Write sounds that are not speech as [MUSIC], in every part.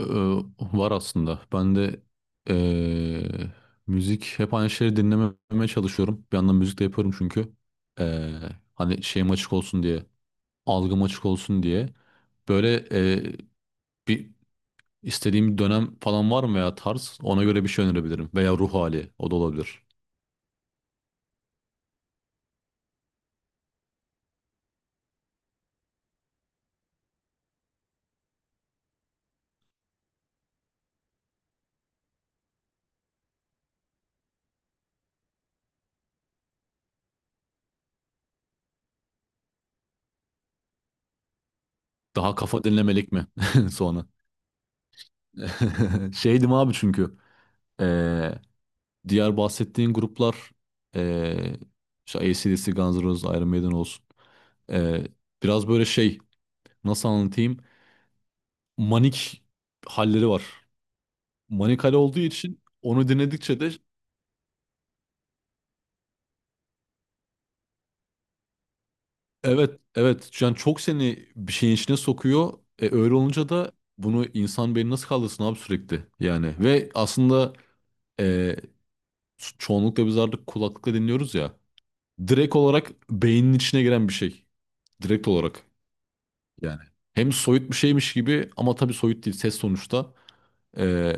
Ee, var aslında. Ben de ee, müzik hep aynı şeyleri dinlememeye çalışıyorum. Bir yandan müzik de yapıyorum çünkü. Ee, hani şeyim açık olsun diye, algım açık olsun diye. Böyle bir istediğim bir dönem falan var mı veya tarz? Ona göre bir şey önerebilirim. Veya ruh hali o da olabilir. Daha kafa dinlemelik mi [LAUGHS] sonra? [LAUGHS] Şeydim abi çünkü. ee, diğer bahsettiğin gruplar ee, işte AC/DC, Guns N' Roses, Iron Maiden olsun. Ee, biraz böyle şey nasıl anlatayım? Manik halleri var. Manik hal olduğu için onu dinledikçe de evet evet yani çok seni bir şeyin içine sokuyor. Öyle olunca da bunu insan beyni nasıl kaldırsın abi sürekli yani. Ve aslında e, çoğunlukla biz artık kulaklıkla dinliyoruz ya. Direkt olarak beynin içine giren bir şey. Direkt olarak yani. Hem soyut bir şeymiş gibi ama tabii soyut değil ses sonuçta. Ee,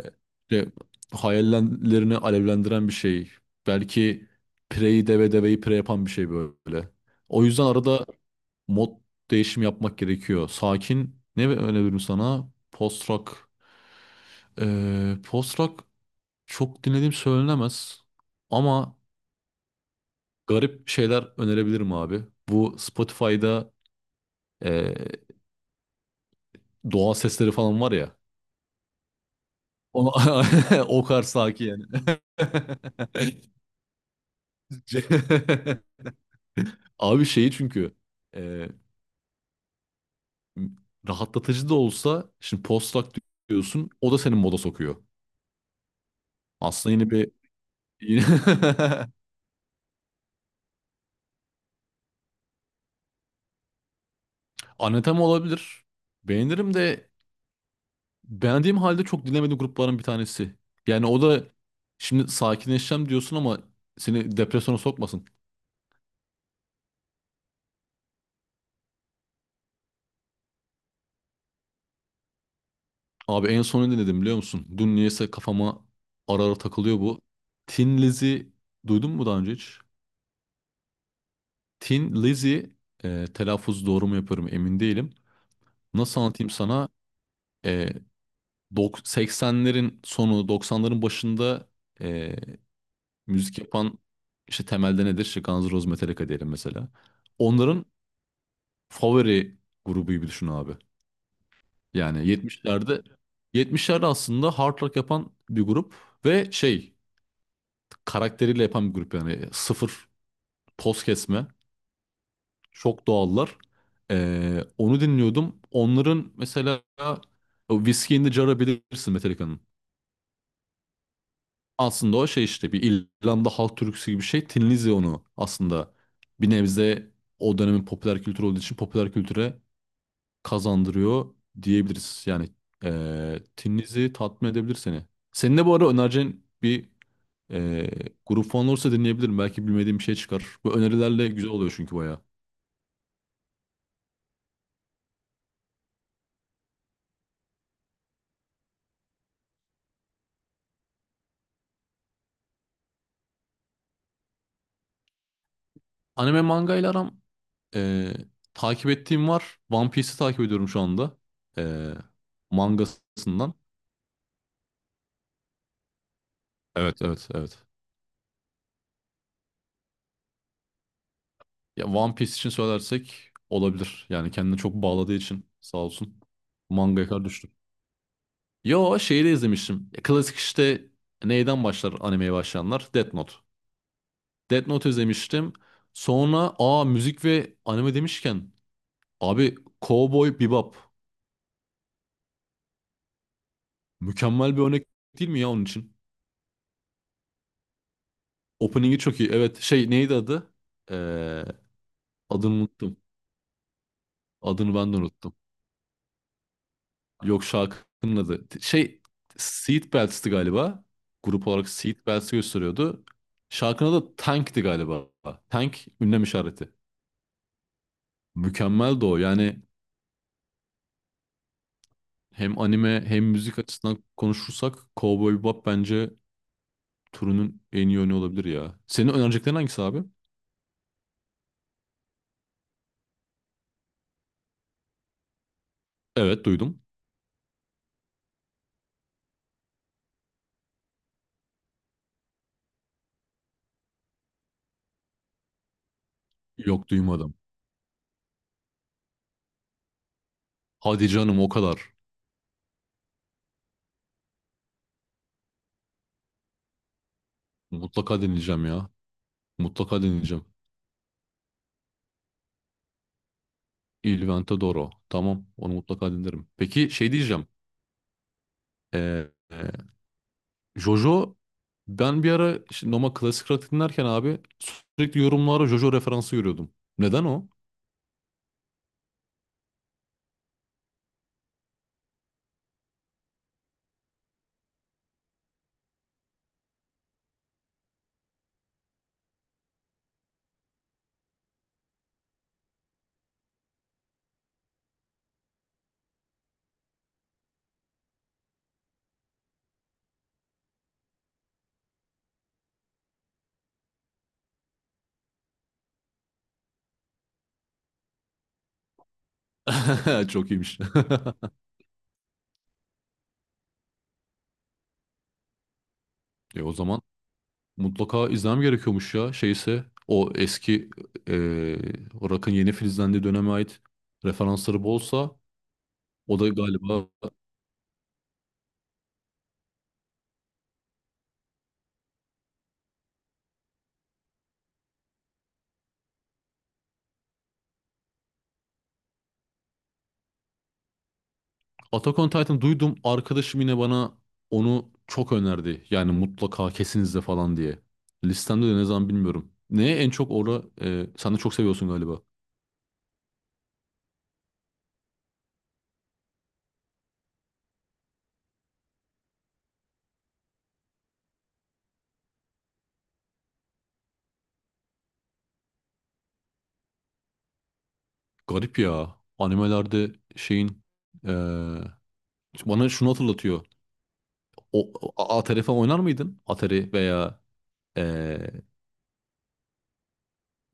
işte hayallerini alevlendiren bir şey. Belki Prey'i deve deveyi pre yapan bir şey böyle. O yüzden arada mod değişimi yapmak gerekiyor. Sakin ne öneririm sana? Post rock. Post rock çok dinlediğim söylenemez. Ama garip şeyler önerebilirim abi. Bu Spotify'da ee, doğa sesleri falan var ya. O, [LAUGHS] o kadar sakin yani. [LAUGHS] [LAUGHS] Abi şeyi çünkü e, rahatlatıcı da olsa şimdi postdoc diyorsun o da senin moda sokuyor. Aslında yine bir yine [LAUGHS] Anatem olabilir. Beğenirim de beğendiğim halde çok dinlemediğim grupların bir tanesi. Yani o da şimdi sakinleşeceğim diyorsun ama seni depresyona sokmasın. Abi en son ne dinledim biliyor musun? Dün niyeyse kafama ara ara takılıyor bu. Tin Lizzy duydun mu daha önce hiç? Tin Lizzy telaffuz doğru mu yapıyorum emin değilim. Nasıl anlatayım sana? Ee, 80'lerin sonu 90'ların başında ee, müzik yapan işte temelde nedir? İşte Guns N' Roses, Metallica diyelim mesela. Onların favori grubu gibi düşün abi. Yani 70'lerde aslında hard rock yapan bir grup ve şey karakteriyle yapan bir grup yani sıfır toz kesme. Çok doğallar. Onu dinliyordum. Onların mesela o Whiskey in the Jar'ı bilirsin Metallica'nın. Aslında o şey işte bir İrlanda halk türküsü gibi bir şey. Tinlizya onu aslında bir nebze o dönemin popüler kültür olduğu için popüler kültüre kazandırıyor diyebiliriz. Yani Tinlizi tatmin edebilir seni. Senin de bu ara önereceğin bir eee grup falan olursa dinleyebilirim. Belki bilmediğim bir şey çıkar. Bu önerilerle güzel oluyor çünkü bayağı. Anime manga ile aram eee, takip ettiğim var. One Piece'i takip ediyorum şu anda. Eee mangasından. Evet evet evet. Ya One Piece için söylersek olabilir. Yani kendine çok bağladığı için sağ olsun. Manga kadar düştü. Yo şeyi de izlemiştim. Ya klasik işte neyden başlar animeye başlayanlar? Death Note. Death Note izlemiştim. Sonra aa müzik ve anime demişken abi Cowboy Bebop. Mükemmel bir örnek değil mi ya onun için? Opening'i çok iyi. Evet şey neydi adı? Ee, adını unuttum. Adını ben de unuttum. Yok şarkının adı. Şey Seatbelts'ti galiba. Grup olarak Seatbelts'i gösteriyordu. Şarkının adı Tank'ti galiba. Tank ünlem işareti. Mükemmeldi o. Yani hem anime hem müzik açısından konuşursak Cowboy Bebop bence turunun en iyi oyunu olabilir ya. Senin önereceklerin hangisi abi? Evet duydum. Yok duymadım. Hadi canım o kadar. Mutlaka dinleyeceğim ya. Mutlaka dinleyeceğim. Il Vento d'Oro. Tamam onu mutlaka dinlerim. Peki şey diyeceğim. Ee, e, Jojo ben bir ara işte Noma klasik rock dinlerken abi sürekli yorumlara Jojo referansı görüyordum. Neden o? [LAUGHS] Çok iyiymiş. [LAUGHS] E o zaman mutlaka izlemem gerekiyormuş ya. Şeyse o eski e, Rock'ın yeni filizlendiği döneme ait referansları bolsa o da galiba. Attack on Titan duydum. Arkadaşım yine bana onu çok önerdi. Yani mutlaka kesin izle falan diye. Listemde de ne zaman bilmiyorum. Neye en çok orada sen de çok seviyorsun galiba. Garip ya. Animelerde şeyin eee, bana şunu hatırlatıyor. O, Atari falan oynar mıydın? Atari veya eee,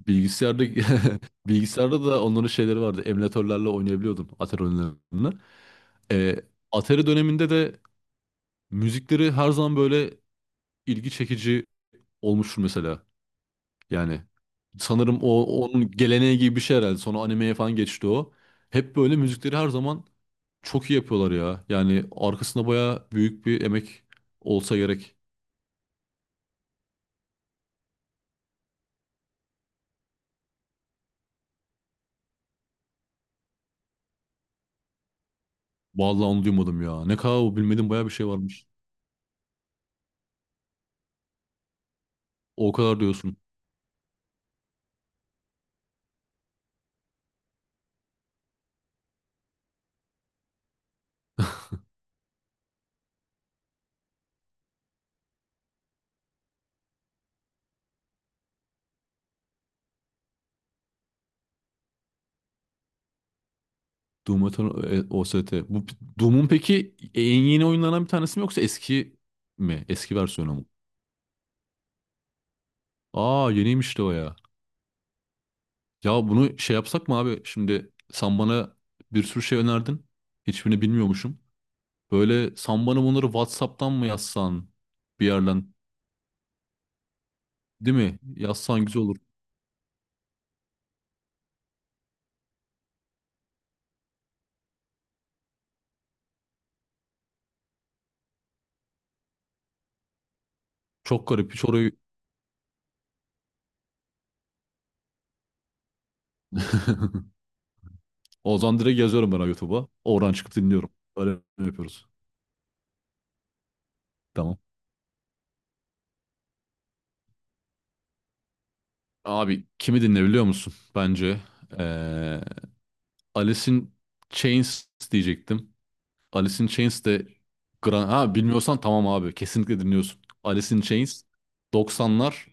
bilgisayarda [LAUGHS] bilgisayarda da onların şeyleri vardı. Emülatörlerle oynayabiliyordun Atari oyunlarını. Eee, Atari döneminde de müzikleri her zaman böyle ilgi çekici olmuştur mesela. Yani sanırım o onun geleneği gibi bir şey herhalde. Sonra animeye falan geçti o. Hep böyle müzikleri her zaman çok iyi yapıyorlar ya. Yani arkasında baya büyük bir emek olsa gerek. Vallahi onu duymadım ya. Ne kadar o bilmediğim baya bir şey varmış. O kadar diyorsun. Doom Eternal OST. Bu Doom'un peki en yeni oyunlarından bir tanesi mi yoksa eski mi? Eski versiyonu mu? Aa yeniymiş de o ya. Ya bunu şey yapsak mı abi? Şimdi sen bana bir sürü şey önerdin. Hiçbirini bilmiyormuşum. Böyle sen bana bunları WhatsApp'tan mı yazsan bir yerden değil mi? Yazsan güzel olur. Çok garip hiç orayı. [LAUGHS] O zaman direkt yazıyorum ben YouTube'a. Oradan çıkıp dinliyorum. Öyle yapıyoruz. Tamam. Abi kimi dinleyebiliyor musun? Bence ee, Alice in Chains diyecektim. Alice in Chains de Gran... Ha bilmiyorsan tamam abi kesinlikle dinliyorsun. Alice in Chains 90'lar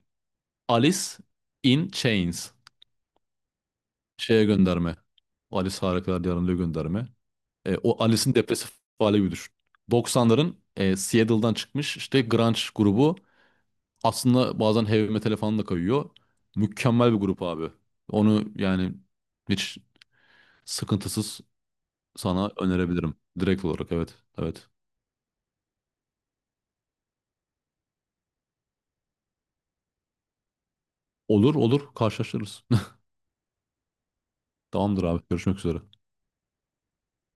Alice in Chains şeye gönderme. Alice Harikalar Diyarında gönderme. O Alice'in depresif hali gibi düşün. 90'ların Seattle'dan çıkmış işte grunge grubu. Aslında bazen heavy metal falan da kayıyor. Mükemmel bir grup abi. Onu yani hiç sıkıntısız sana önerebilirim. Direkt olarak evet. Evet. Olur olur karşılaşırız. [LAUGHS] Tamamdır abi görüşmek üzere.